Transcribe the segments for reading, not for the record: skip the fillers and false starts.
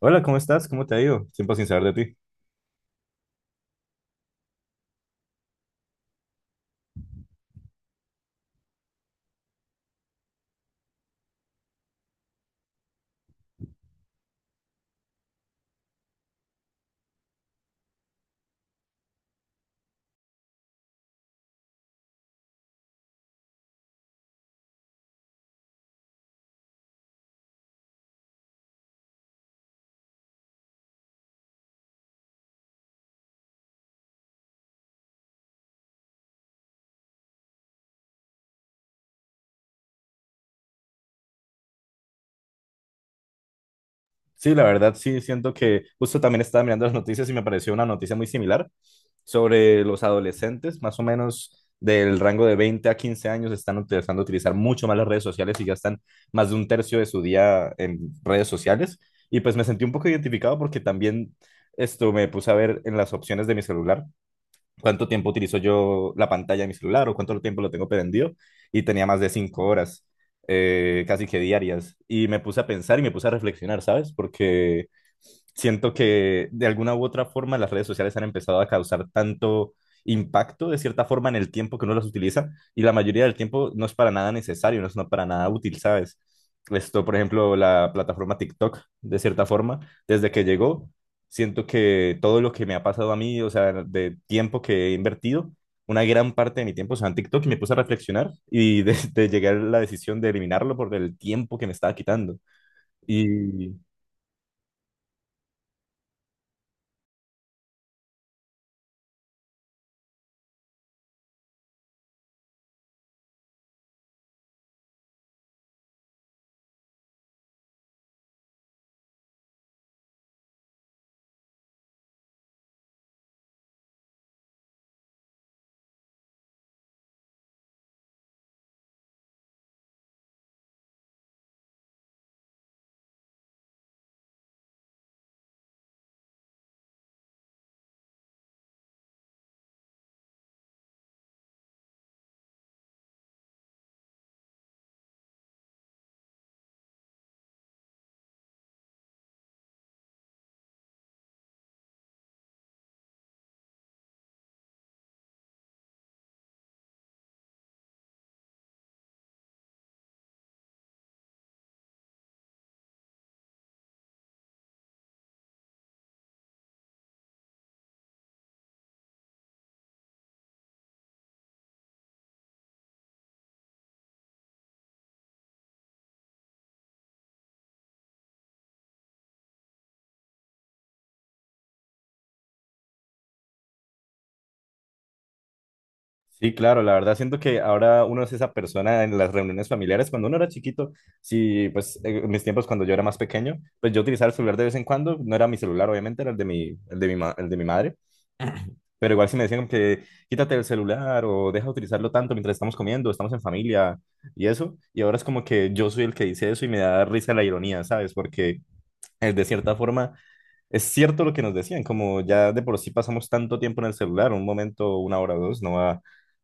Hola, ¿cómo estás? ¿Cómo te ha ido? Tiempo sin saber de ti. Sí, la verdad sí, siento que justo también estaba mirando las noticias y me pareció una noticia muy similar sobre los adolescentes, más o menos del rango de 20 a 15 años, están empezando a utilizar mucho más las redes sociales y gastan más de un tercio de su día en redes sociales. Y pues me sentí un poco identificado porque también esto me puse a ver en las opciones de mi celular cuánto tiempo utilizo yo la pantalla de mi celular o cuánto tiempo lo tengo prendido y tenía más de 5 horas, casi que diarias. Y me puse a pensar y me puse a reflexionar, ¿sabes? Porque siento que de alguna u otra forma las redes sociales han empezado a causar tanto impacto de cierta forma en el tiempo que uno las utiliza y la mayoría del tiempo no es para nada necesario, no es no para nada útil, ¿sabes? Esto, por ejemplo, la plataforma TikTok, de cierta forma, desde que llegó, siento que todo lo que me ha pasado a mí, o sea, de tiempo que he invertido, una gran parte de mi tiempo, o sea, en TikTok, y me puse a reflexionar y de, de llegar a la decisión de eliminarlo por el tiempo que me estaba quitando. Y sí, claro, la verdad siento que ahora uno es esa persona en las reuniones familiares. Cuando uno era chiquito, sí, pues en mis tiempos cuando yo era más pequeño, pues yo utilizaba el celular de vez en cuando, no era mi celular, obviamente, era el de mi madre. Pero igual si me decían que quítate el celular o deja de utilizarlo tanto mientras estamos comiendo, estamos en familia y eso, y ahora es como que yo soy el que dice eso y me da risa la ironía, ¿sabes? Porque de cierta forma, es cierto lo que nos decían, como ya de por sí pasamos tanto tiempo en el celular, un momento, una hora o dos, no va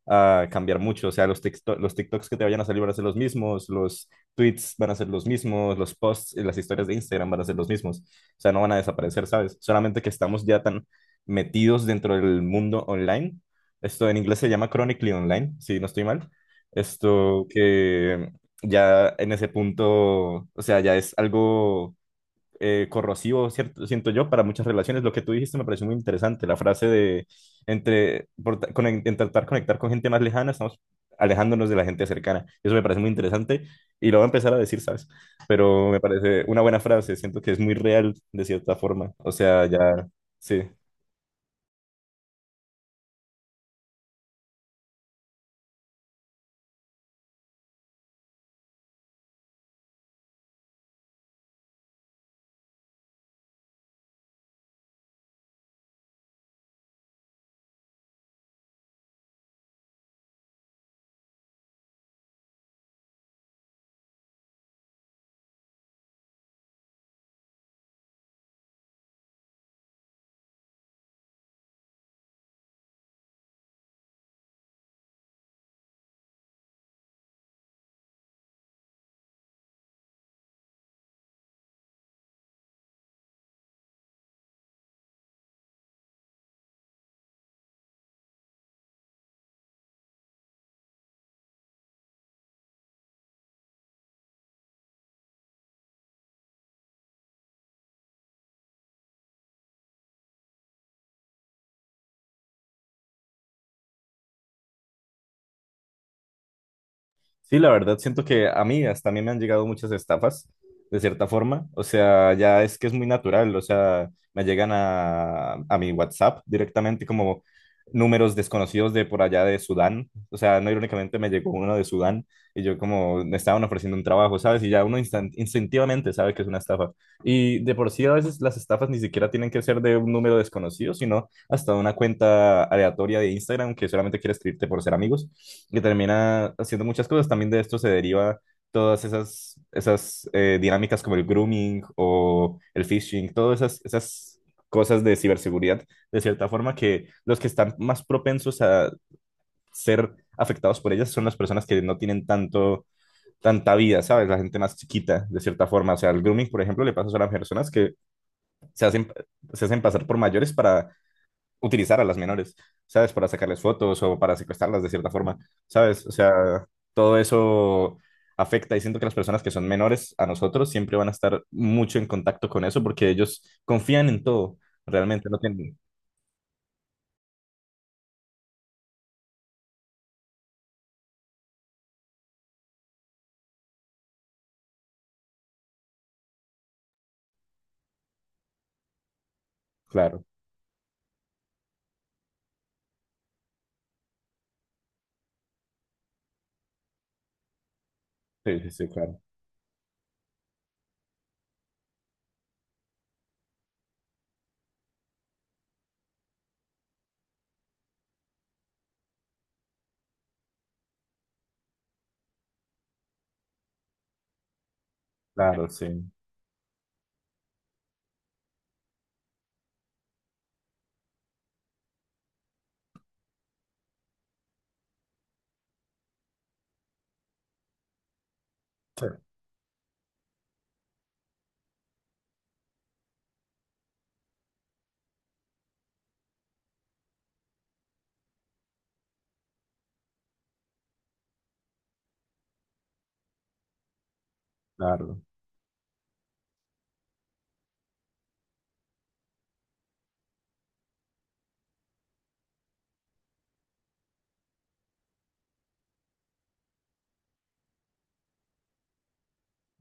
a cambiar mucho. O sea, los TikToks que te vayan a salir van a ser los mismos, los tweets van a ser los mismos, los posts y las historias de Instagram van a ser los mismos. O sea, no van a desaparecer, ¿sabes? Solamente que estamos ya tan metidos dentro del mundo online. Esto en inglés se llama chronically online, si no estoy mal. Esto que ya en ese punto, o sea, ya es algo corrosivo, cierto, siento yo, para muchas relaciones. Lo que tú dijiste me pareció muy interesante, la frase de entre, por ta- con- intentar conectar con gente más lejana, estamos alejándonos de la gente cercana. Eso me parece muy interesante y lo voy a empezar a decir, ¿sabes? Pero me parece una buena frase, siento que es muy real de cierta forma. O sea, ya, sí. Sí, la verdad, siento que a mí hasta a mí me han llegado muchas estafas, de cierta forma. O sea, ya es que es muy natural. O sea, me llegan a mi WhatsApp directamente como números desconocidos de por allá de Sudán. O sea, no irónicamente me llegó uno de Sudán y yo como me estaban ofreciendo un trabajo, ¿sabes? Y ya uno instintivamente sabe que es una estafa. Y de por sí a veces las estafas ni siquiera tienen que ser de un número desconocido, sino hasta una cuenta aleatoria de Instagram que solamente quiere escribirte por ser amigos y termina haciendo muchas cosas. También de esto se deriva todas esas, esas dinámicas como el grooming o el phishing, todas esas cosas de ciberseguridad, de cierta forma que los que están más propensos a ser afectados por ellas son las personas que no tienen tanta vida, ¿sabes? La gente más chiquita, de cierta forma. O sea, el grooming, por ejemplo, le pasa solo a las personas que se hacen, se hacen pasar por mayores para utilizar a las menores, ¿sabes? Para sacarles fotos o para secuestrarlas de cierta forma, ¿sabes? O sea, todo eso afecta y siento que las personas que son menores a nosotros siempre van a estar mucho en contacto con eso porque ellos confían en todo, realmente no tienen. Claro, sí, sí, sí, claro, claro, sí, sí, claro.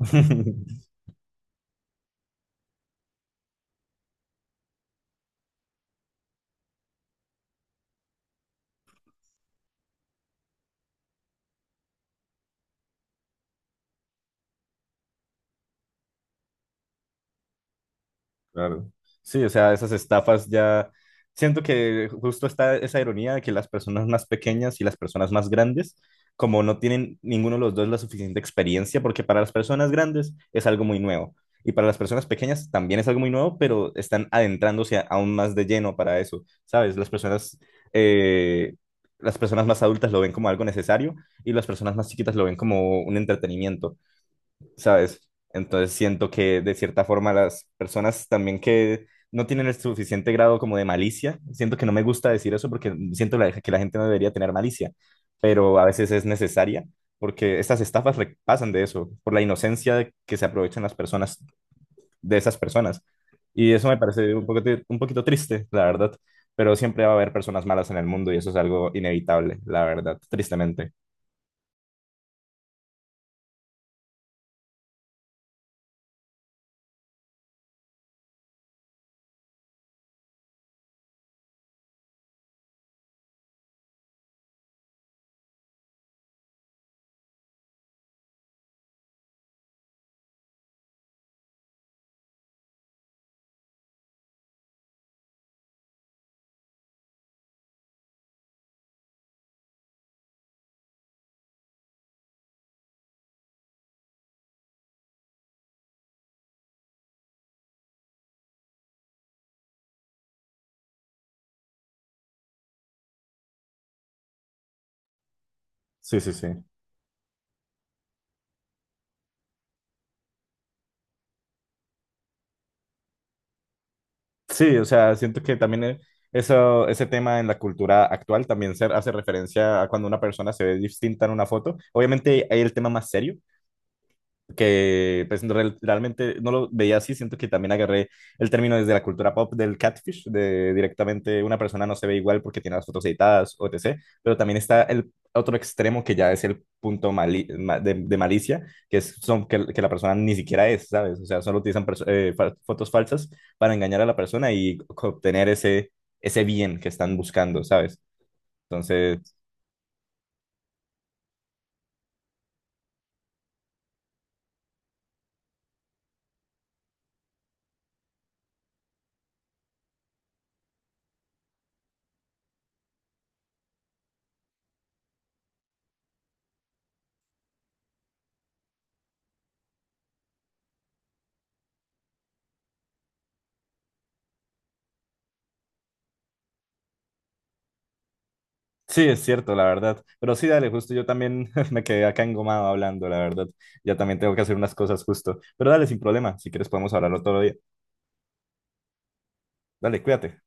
Claro. Sí, o sea, esas estafas ya. Siento que justo está esa ironía de que las personas más pequeñas y las personas más grandes, como no tienen ninguno de los dos la suficiente experiencia, porque para las personas grandes es algo muy nuevo y para las personas pequeñas también es algo muy nuevo, pero están aún más de lleno para eso, ¿sabes? Eh, las personas más adultas lo ven como algo necesario y las personas más chiquitas lo ven como un entretenimiento. ¿Sabes? Entonces siento que de cierta forma las personas también que no tienen el suficiente grado como de malicia, siento que no me gusta decir eso porque siento que la gente no debería tener malicia, pero a veces es necesaria porque estas estafas pasan de eso, por la inocencia de que se aprovechan las personas, de esas personas. Y eso me parece un poco, un poquito triste, la verdad, pero siempre va a haber personas malas en el mundo y eso es algo inevitable, la verdad, tristemente. Sí, sí, sí. Sí, o sea, siento que también eso, ese tema en la cultura actual también se hace referencia a cuando una persona se ve distinta en una foto. Obviamente hay el tema más serio, que pues realmente no lo veía así, siento que también agarré el término desde la cultura pop del catfish, de directamente una persona no se ve igual porque tiene las fotos editadas, etc. Pero también está el otro extremo que ya es el punto de malicia, que es que la persona ni siquiera es, ¿sabes? O sea, solo utilizan fotos falsas para engañar a la persona y obtener ese bien que están buscando, ¿sabes? Entonces. Sí, es cierto, la verdad. Pero sí, dale, justo yo también me quedé acá engomado hablando, la verdad. Ya también tengo que hacer unas cosas justo. Pero dale, sin problema. Si quieres podemos hablarlo otro día. Dale, cuídate.